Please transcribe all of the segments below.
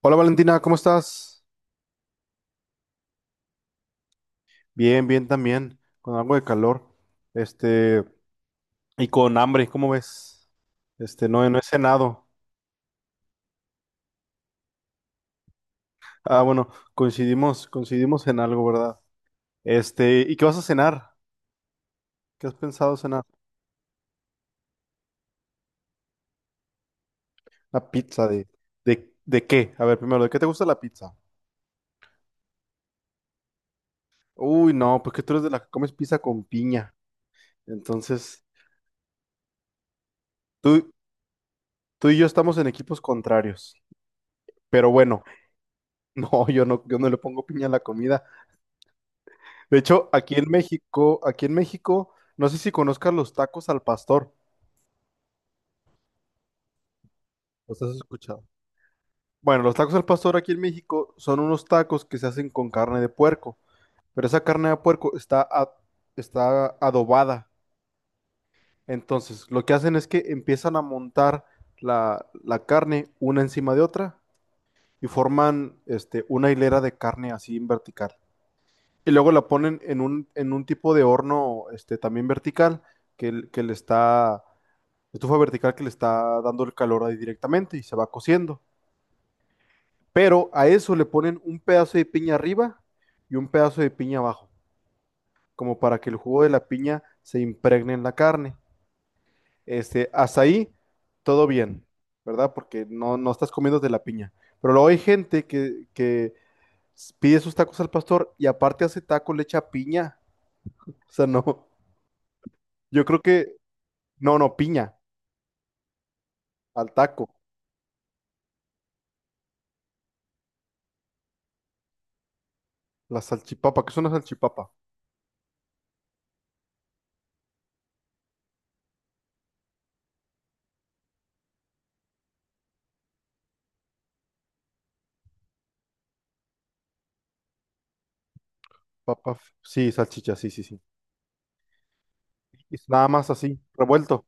Hola Valentina, ¿cómo estás? Bien, bien también, con algo de calor, este, y con hambre, ¿cómo ves? No, no he cenado. Ah, bueno, coincidimos, coincidimos en algo, ¿verdad? ¿Y qué vas a cenar? ¿Qué has pensado cenar? Una pizza ¿de qué? A ver, primero, ¿de qué te gusta la pizza? Uy, no, porque tú eres de la que comes pizza con piña. Entonces, tú, tú y yo estamos en equipos contrarios. Pero bueno, no, yo no le pongo piña a la comida. De hecho, aquí en México, no sé si conozcas los tacos al pastor. ¿Los has escuchado? Bueno, los tacos al pastor aquí en México son unos tacos que se hacen con carne de puerco, pero esa carne de puerco está adobada. Entonces, lo que hacen es que empiezan a montar la carne una encima de otra y forman una hilera de carne así en vertical. Y luego la ponen en en un tipo de horno también vertical que le está estufa vertical que le está dando el calor ahí directamente y se va cociendo. Pero a eso le ponen un pedazo de piña arriba y un pedazo de piña abajo, como para que el jugo de la piña se impregne en la carne. Hasta ahí todo bien, ¿verdad? Porque no, no estás comiendo de la piña. Pero luego hay gente que pide sus tacos al pastor y aparte hace taco, le echa piña. O sea, no. Yo creo que, no, no, piña al taco. La salchipapa, ¿qué es una salchipapa? Sí, salchicha, sí, sí, sí. Es nada más así, revuelto.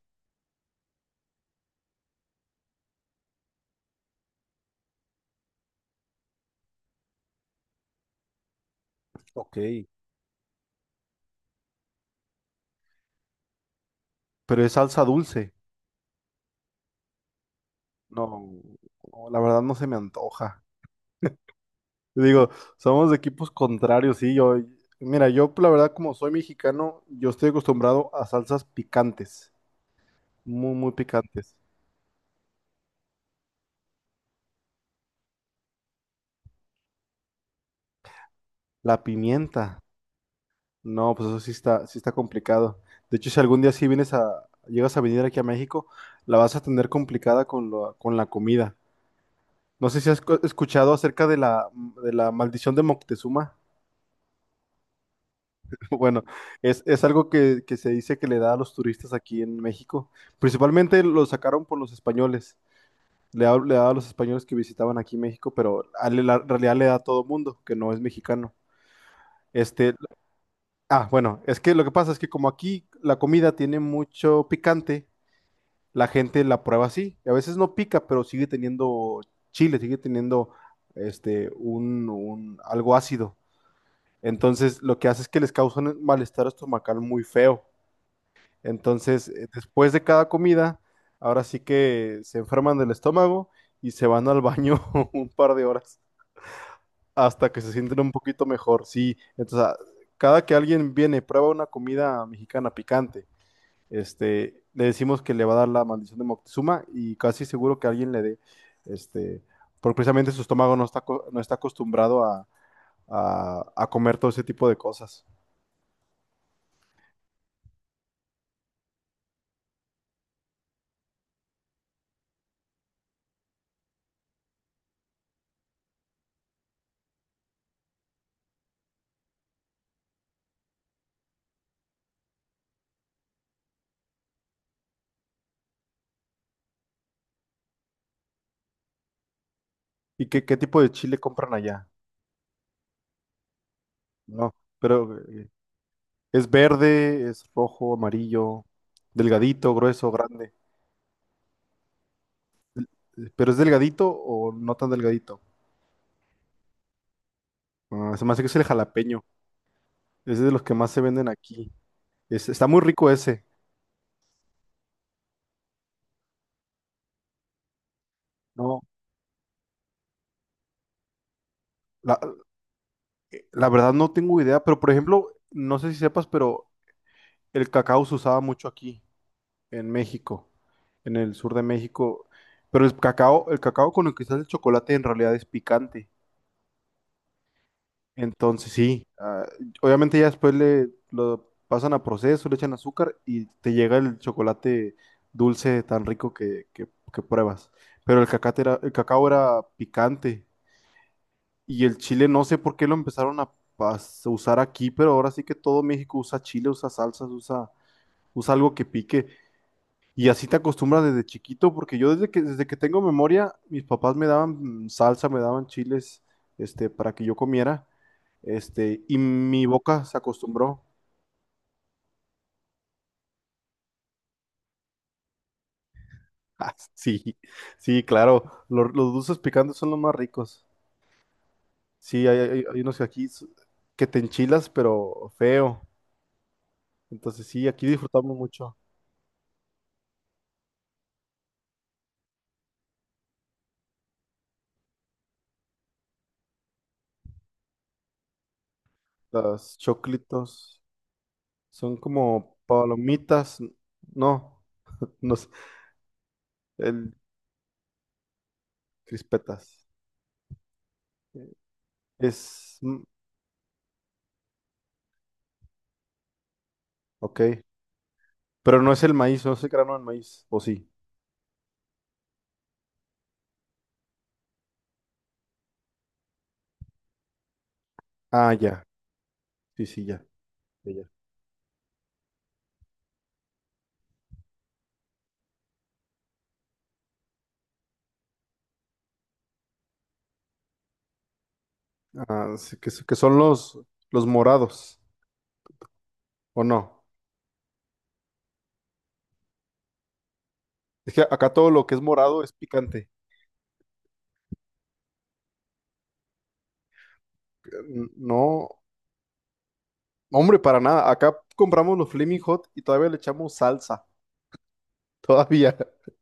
Ok. Pero es salsa dulce. No, no, la verdad no se me antoja. Digo, somos de equipos contrarios, sí. Mira, yo la verdad como soy mexicano, yo estoy acostumbrado a salsas picantes, muy, muy picantes. La pimienta, no, pues eso sí está complicado. De hecho, si algún día sí vienes a, llegas a venir aquí a México, la vas a tener complicada con la comida. No sé si escuchado acerca de de la maldición de Moctezuma. Bueno, es algo que se dice que le da a los turistas aquí en México. Principalmente lo sacaron por los españoles. Le daba a los españoles que visitaban aquí México, pero la realidad le da a todo mundo que no es mexicano. Este, bueno, es que lo que pasa es que como aquí la comida tiene mucho picante, la gente la prueba así. Y a veces no pica, pero sigue teniendo chile, sigue teniendo algo ácido. Entonces, lo que hace es que les causa un malestar estomacal muy feo. Entonces, después de cada comida, ahora sí que se enferman del estómago y se van al baño un par de horas hasta que se sienten un poquito mejor. Sí, entonces, cada que alguien viene, prueba una comida mexicana picante, le decimos que le va a dar la maldición de Moctezuma y casi seguro que alguien le dé, este, porque precisamente su estómago no está acostumbrado a comer todo ese tipo de cosas. ¿Y qué tipo de chile compran allá? No, pero es verde, es rojo, amarillo, delgadito, grueso, grande. ¿Pero es delgadito o no tan delgadito? Ah, se me hace que es el jalapeño. Es de los que más se venden aquí. Está muy rico ese. No, la, la verdad no tengo idea, pero por ejemplo, no sé si sepas, pero el cacao se usaba mucho aquí, en México, en el sur de México. Pero el cacao con el que se hace el chocolate en realidad es picante. Entonces, sí, obviamente ya después le lo pasan a proceso, le echan azúcar y te llega el chocolate dulce tan rico que pruebas. Pero el cacao era picante y el chile no sé por qué lo empezaron a usar aquí, pero ahora sí que todo México usa chile, usa salsas, usa algo que pique. Y así te acostumbras desde chiquito, porque yo desde que tengo memoria, mis papás me daban salsa, me daban chiles, para que yo comiera, y mi boca se acostumbró. Ah, sí, sí, claro, los dulces picantes son los más ricos. Sí, hay unos que que te enchilas, pero feo. Entonces sí, aquí disfrutamos mucho. Las choclitos son como palomitas, no, no sé, el crispetas. Es, mm, ok. Pero no es el maíz, no es el grano del maíz. ¿O sí? Ah, ya. Sí, sí, ya. Ya, ya. Ah, sí, que son los morados, ¿o no? Es que acá todo lo que es morado es picante. No, hombre, para nada. Acá compramos los Flaming Hot y todavía le echamos salsa. Todavía.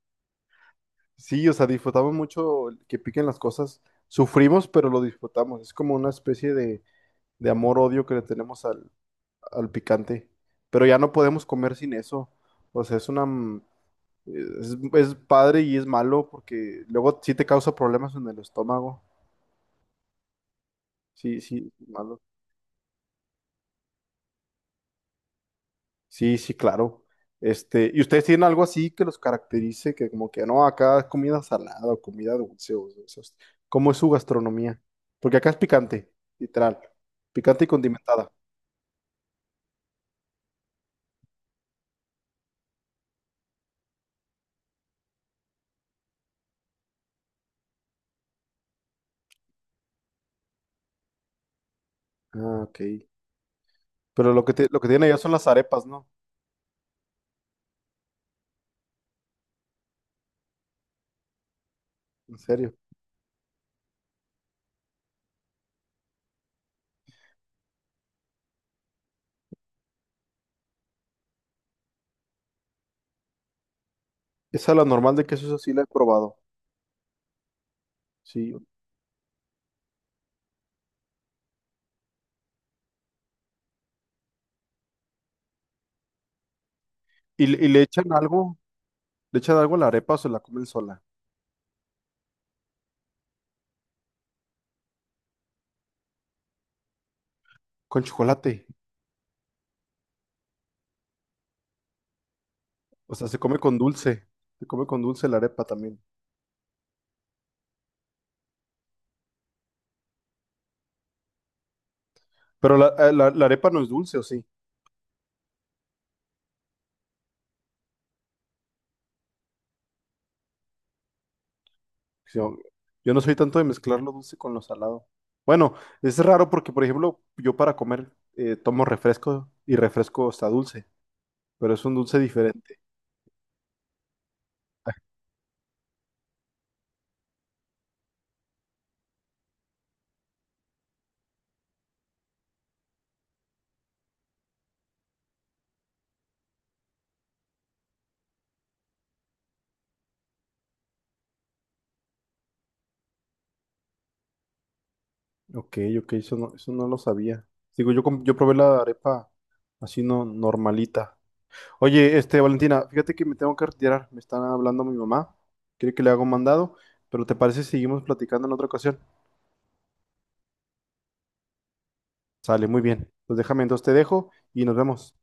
Sí, o sea, disfrutamos mucho el que piquen las cosas. Sufrimos, pero lo disfrutamos. Es como una especie de amor-odio que le tenemos al picante. Pero ya no podemos comer sin eso. O sea, es una... es padre y es malo porque luego sí te causa problemas en el estómago. Sí, sí, es malo. Sí, sí, claro. ¿Y ustedes tienen algo así que los caracterice? Que como que no, acá es comida salada o comida dulce o ¿cómo es su gastronomía? Porque acá es picante, literal. Picante y condimentada. Ah, ok. Pero lo lo que tienen allá son las arepas, ¿no? En serio. Esa la normal de queso, eso sí la he probado. Sí. ¿Y, le echan algo? ¿Le echan algo a la arepa o se la comen sola? Con chocolate. O sea, se come con dulce. Se come con dulce la arepa también. Pero la arepa no es dulce, ¿o sí? Yo, yo no soy tanto de mezclar lo dulce con lo salado. Bueno, es raro porque, por ejemplo, yo para comer tomo refresco y refresco está dulce, pero es un dulce diferente. Ok, ok, eso no lo sabía. Digo, yo probé la arepa así no normalita. Oye, Valentina, fíjate que me tengo que retirar. Me está hablando mi mamá. Quiere que le haga un mandado, pero ¿te parece si seguimos platicando en otra ocasión? Sale, muy bien. Pues déjame, entonces te dejo y nos vemos.